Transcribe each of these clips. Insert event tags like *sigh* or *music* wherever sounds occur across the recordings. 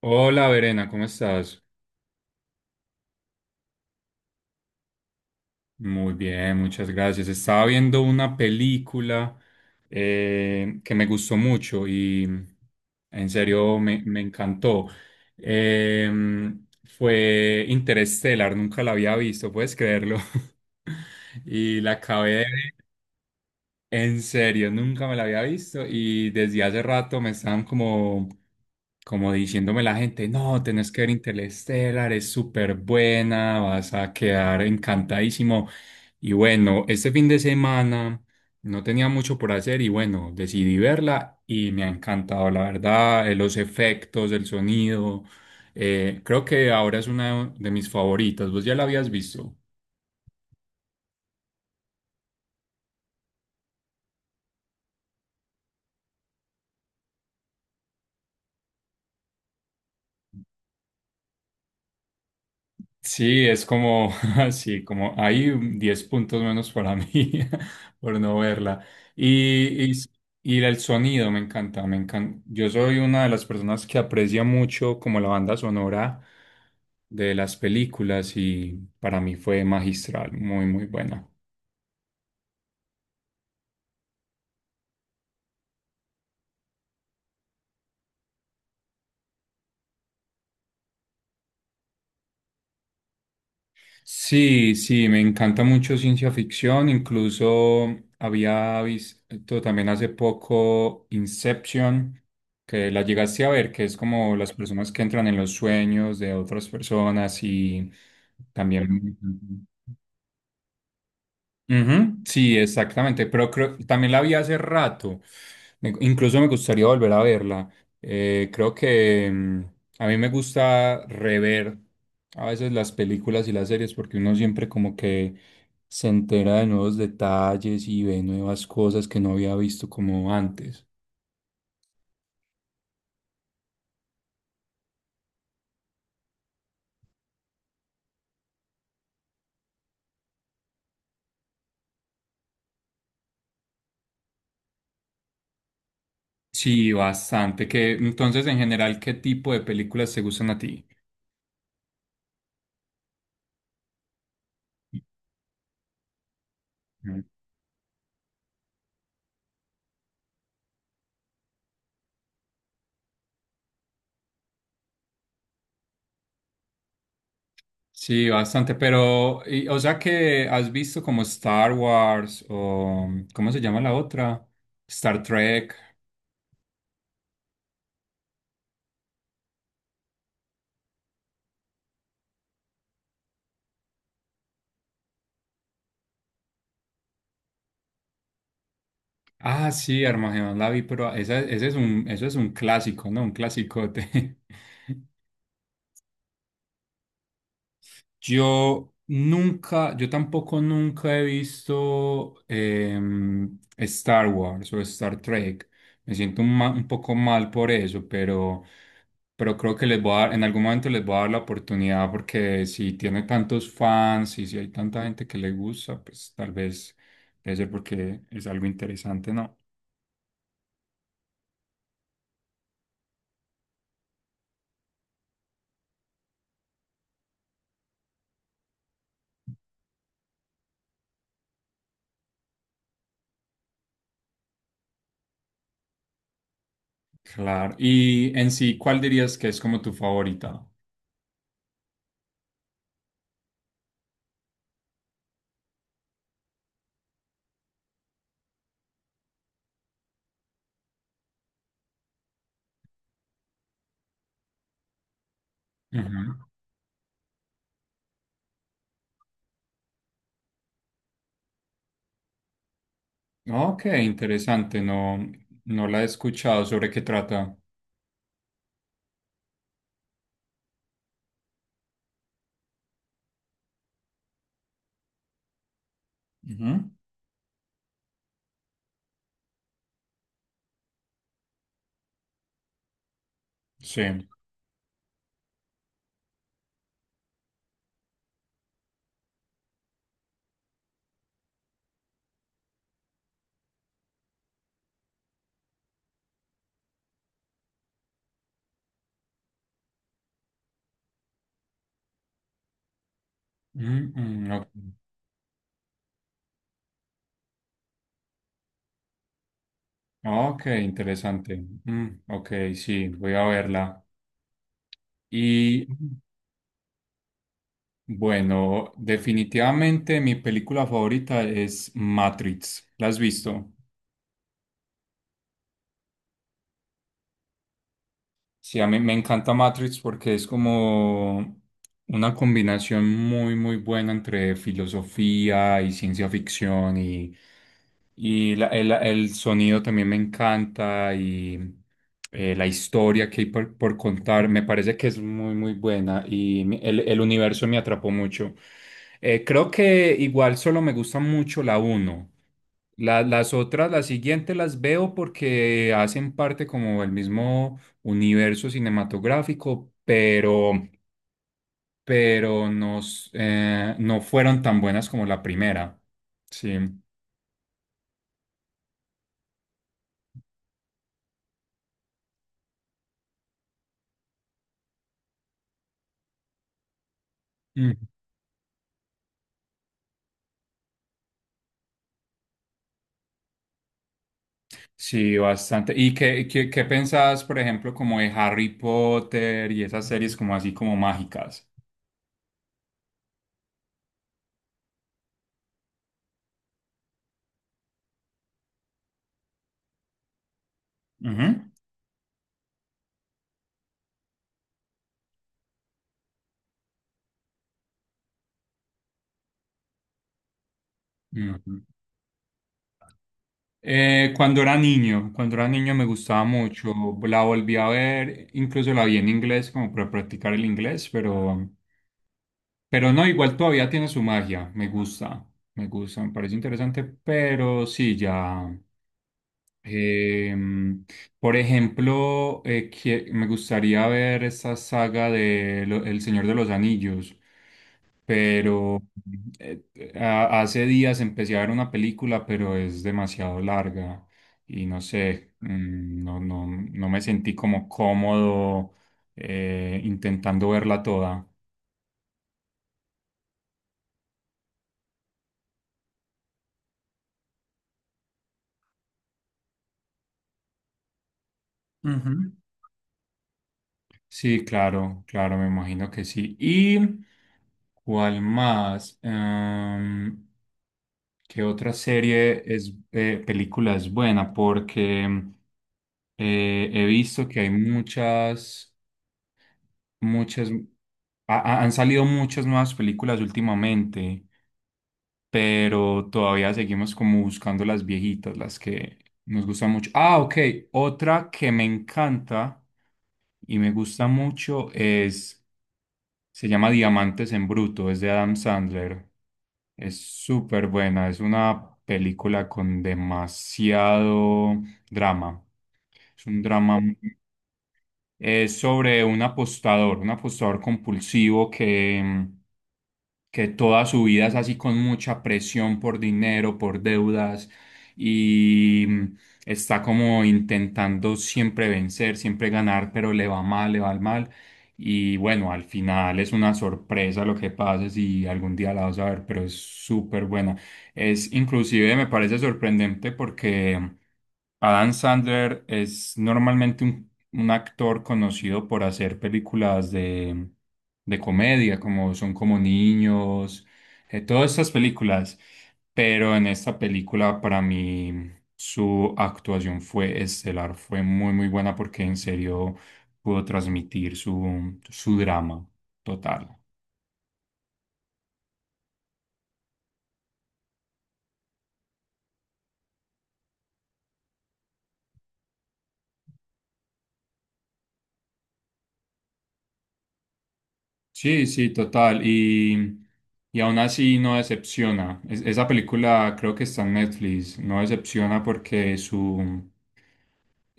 Hola, Verena, ¿cómo estás? Muy bien, muchas gracias. Estaba viendo una película que me gustó mucho y en serio me encantó. Eh, Fue Interstellar, nunca la había visto, puedes creerlo. *laughs* Y la acabé de ver. En serio, nunca me la había visto y desde hace rato me estaban como diciéndome la gente, no, tenés que ver Interstellar, es súper buena, vas a quedar encantadísimo. Y bueno, este fin de semana no tenía mucho por hacer y bueno, decidí verla y me ha encantado, la verdad, los efectos, el sonido, creo que ahora es una de mis favoritas. ¿Vos ya la habías visto? Sí, es como, *laughs* así, como hay un 10 puntos menos para mí *laughs* por no verla. Y, y, y el sonido me encanta, me encanta. Yo soy una de las personas que aprecia mucho como la banda sonora de las películas y para mí fue magistral, muy, muy buena. Sí, sí, me encanta mucho ciencia ficción. Incluso había visto también hace poco Inception, que la llegaste a ver, que es como las personas que entran en los sueños de otras personas y también... Ujú, sí, exactamente, pero creo, también la vi hace rato. Incluso me gustaría volver a verla. Creo que a mí me gusta rever a veces las películas y las series porque uno siempre como que se entera de nuevos detalles y ve nuevas cosas que no había visto como antes. Sí, bastante. Que, entonces, en general, ¿qué tipo de películas te gustan a ti? Sí, bastante, pero, o sea que has visto como Star Wars o, ¿cómo se llama la otra? Star Trek. Ah, sí, Armagedón la vi, pero esa, ese es un, eso es un clásico, ¿no? Un clasicote. *laughs* Yo nunca, yo tampoco nunca he visto Star Wars o Star Trek. Me siento un, un poco mal por eso, pero creo que les voy a dar, en algún momento les voy a dar la oportunidad porque si tiene tantos fans y si hay tanta gente que le gusta, pues tal vez debe ser porque es algo interesante, ¿no? Claro. Y en sí, ¿cuál dirías que es como tu favorita? Ujú. Ok, interesante, no, no la he escuchado. ¿Sobre qué trata? Ujú. Sí. Mm, mm, ok. Ok, interesante. Mm, ok, sí, voy a verla. Y bueno, definitivamente mi película favorita es Matrix. ¿La has visto? Sí, a mí me encanta Matrix porque es como una combinación muy, muy buena entre filosofía y ciencia ficción y el sonido también me encanta y la historia que hay por contar me parece que es muy, muy buena y el universo me atrapó mucho. Creo que igual solo me gusta mucho la uno. Las otras, las siguientes las veo porque hacen parte como del mismo universo cinematográfico, pero, pero no fueron tan buenas como la primera. Sí. Mm. Sí, bastante. ¿Y qué pensás, por ejemplo, como de Harry Potter y esas series como así como mágicas? Ujú. Ujú. Cuando era niño me gustaba mucho, la volví a ver, incluso la vi en inglés como para practicar el inglés, pero no, igual todavía tiene su magia, me gusta, me gusta, me parece interesante, pero sí, ya. Em, por ejemplo, me gustaría ver esa saga de El Señor de los Anillos, pero eh, hace días empecé a ver una película, pero es demasiado larga y no sé, no me sentí como cómodo intentando verla toda. Ujú. Sí, claro, claro, me imagino que sí. ¿Y cuál más? Em, ¿qué otra serie es película es buena? Porque he visto que hay muchas, muchas, han salido muchas nuevas películas últimamente, pero todavía seguimos como buscando las viejitas, las que nos gustan mucho. Ah, ok, otra que me encanta y me gusta mucho es, se llama Diamantes en Bruto, es de Adam Sandler. Es súper buena, es una película con demasiado drama. Es un drama, es sobre un apostador compulsivo que, que toda su vida es así con mucha presión por dinero, por deudas y está como intentando siempre vencer, siempre ganar, pero le va mal, le va mal. Y bueno, al final es una sorpresa lo que pasa si algún día la vas a ver, pero es súper buena. Es inclusive me parece sorprendente porque Adam Sandler es normalmente un actor conocido por hacer películas de comedia, como son como niños, todas estas películas. Pero en esta película, para mí, su actuación fue estelar, fue muy, muy buena porque en serio pudo transmitir su drama total. Sí, sí, total. Y aún así no decepciona. Esa película creo que está en Netflix. No decepciona porque su...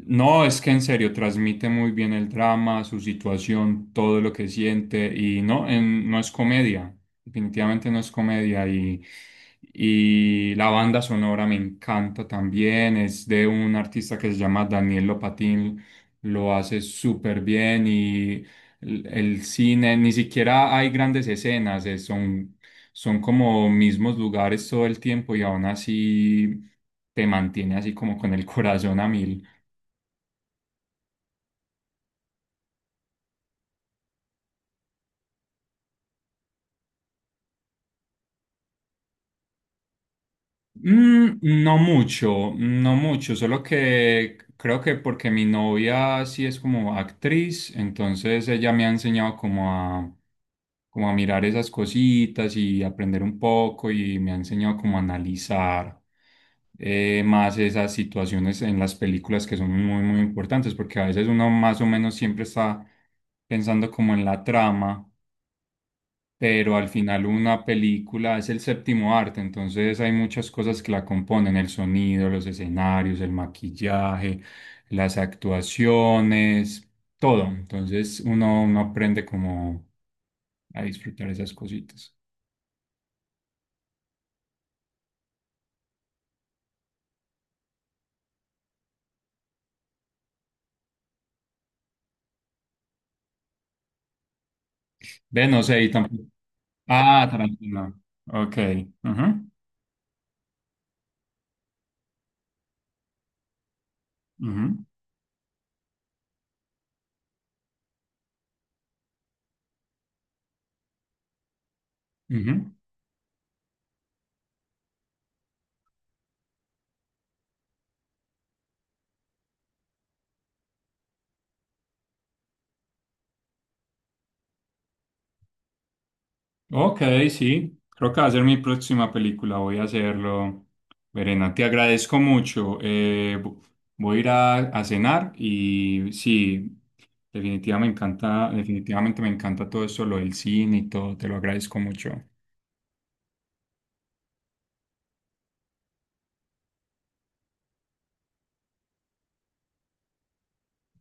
No, es que en serio transmite muy bien el drama, su situación, todo lo que siente y no, no es comedia, definitivamente no es comedia y la banda sonora me encanta también, es de un artista que se llama Daniel Lopatin, lo hace súper bien y el cine, ni siquiera hay grandes escenas, son como mismos lugares todo el tiempo y aún así te mantiene así como con el corazón a mil. Mm, no mucho, no mucho, solo que creo que porque mi novia sí es como actriz, entonces ella me ha enseñado como como a mirar esas cositas y aprender un poco y me ha enseñado como a analizar más esas situaciones en las películas que son muy, muy importantes, porque a veces uno más o menos siempre está pensando como en la trama pero al final una película es el séptimo arte, entonces hay muchas cosas que la componen, el sonido, los escenarios, el maquillaje, las actuaciones, todo. Entonces uno aprende como a disfrutar esas cositas. Ve, no sé, y tampoco. Ah, Tarantino. Ok. Ujú, ujú, ujú. Ok, sí, creo que va a ser mi próxima película, voy a hacerlo. Verena, te agradezco mucho. Voy a ir a cenar y sí, definitivamente me encanta todo eso, lo del cine y todo, te lo agradezco mucho.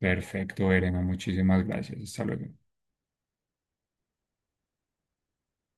Perfecto, Verena, muchísimas gracias. Hasta luego.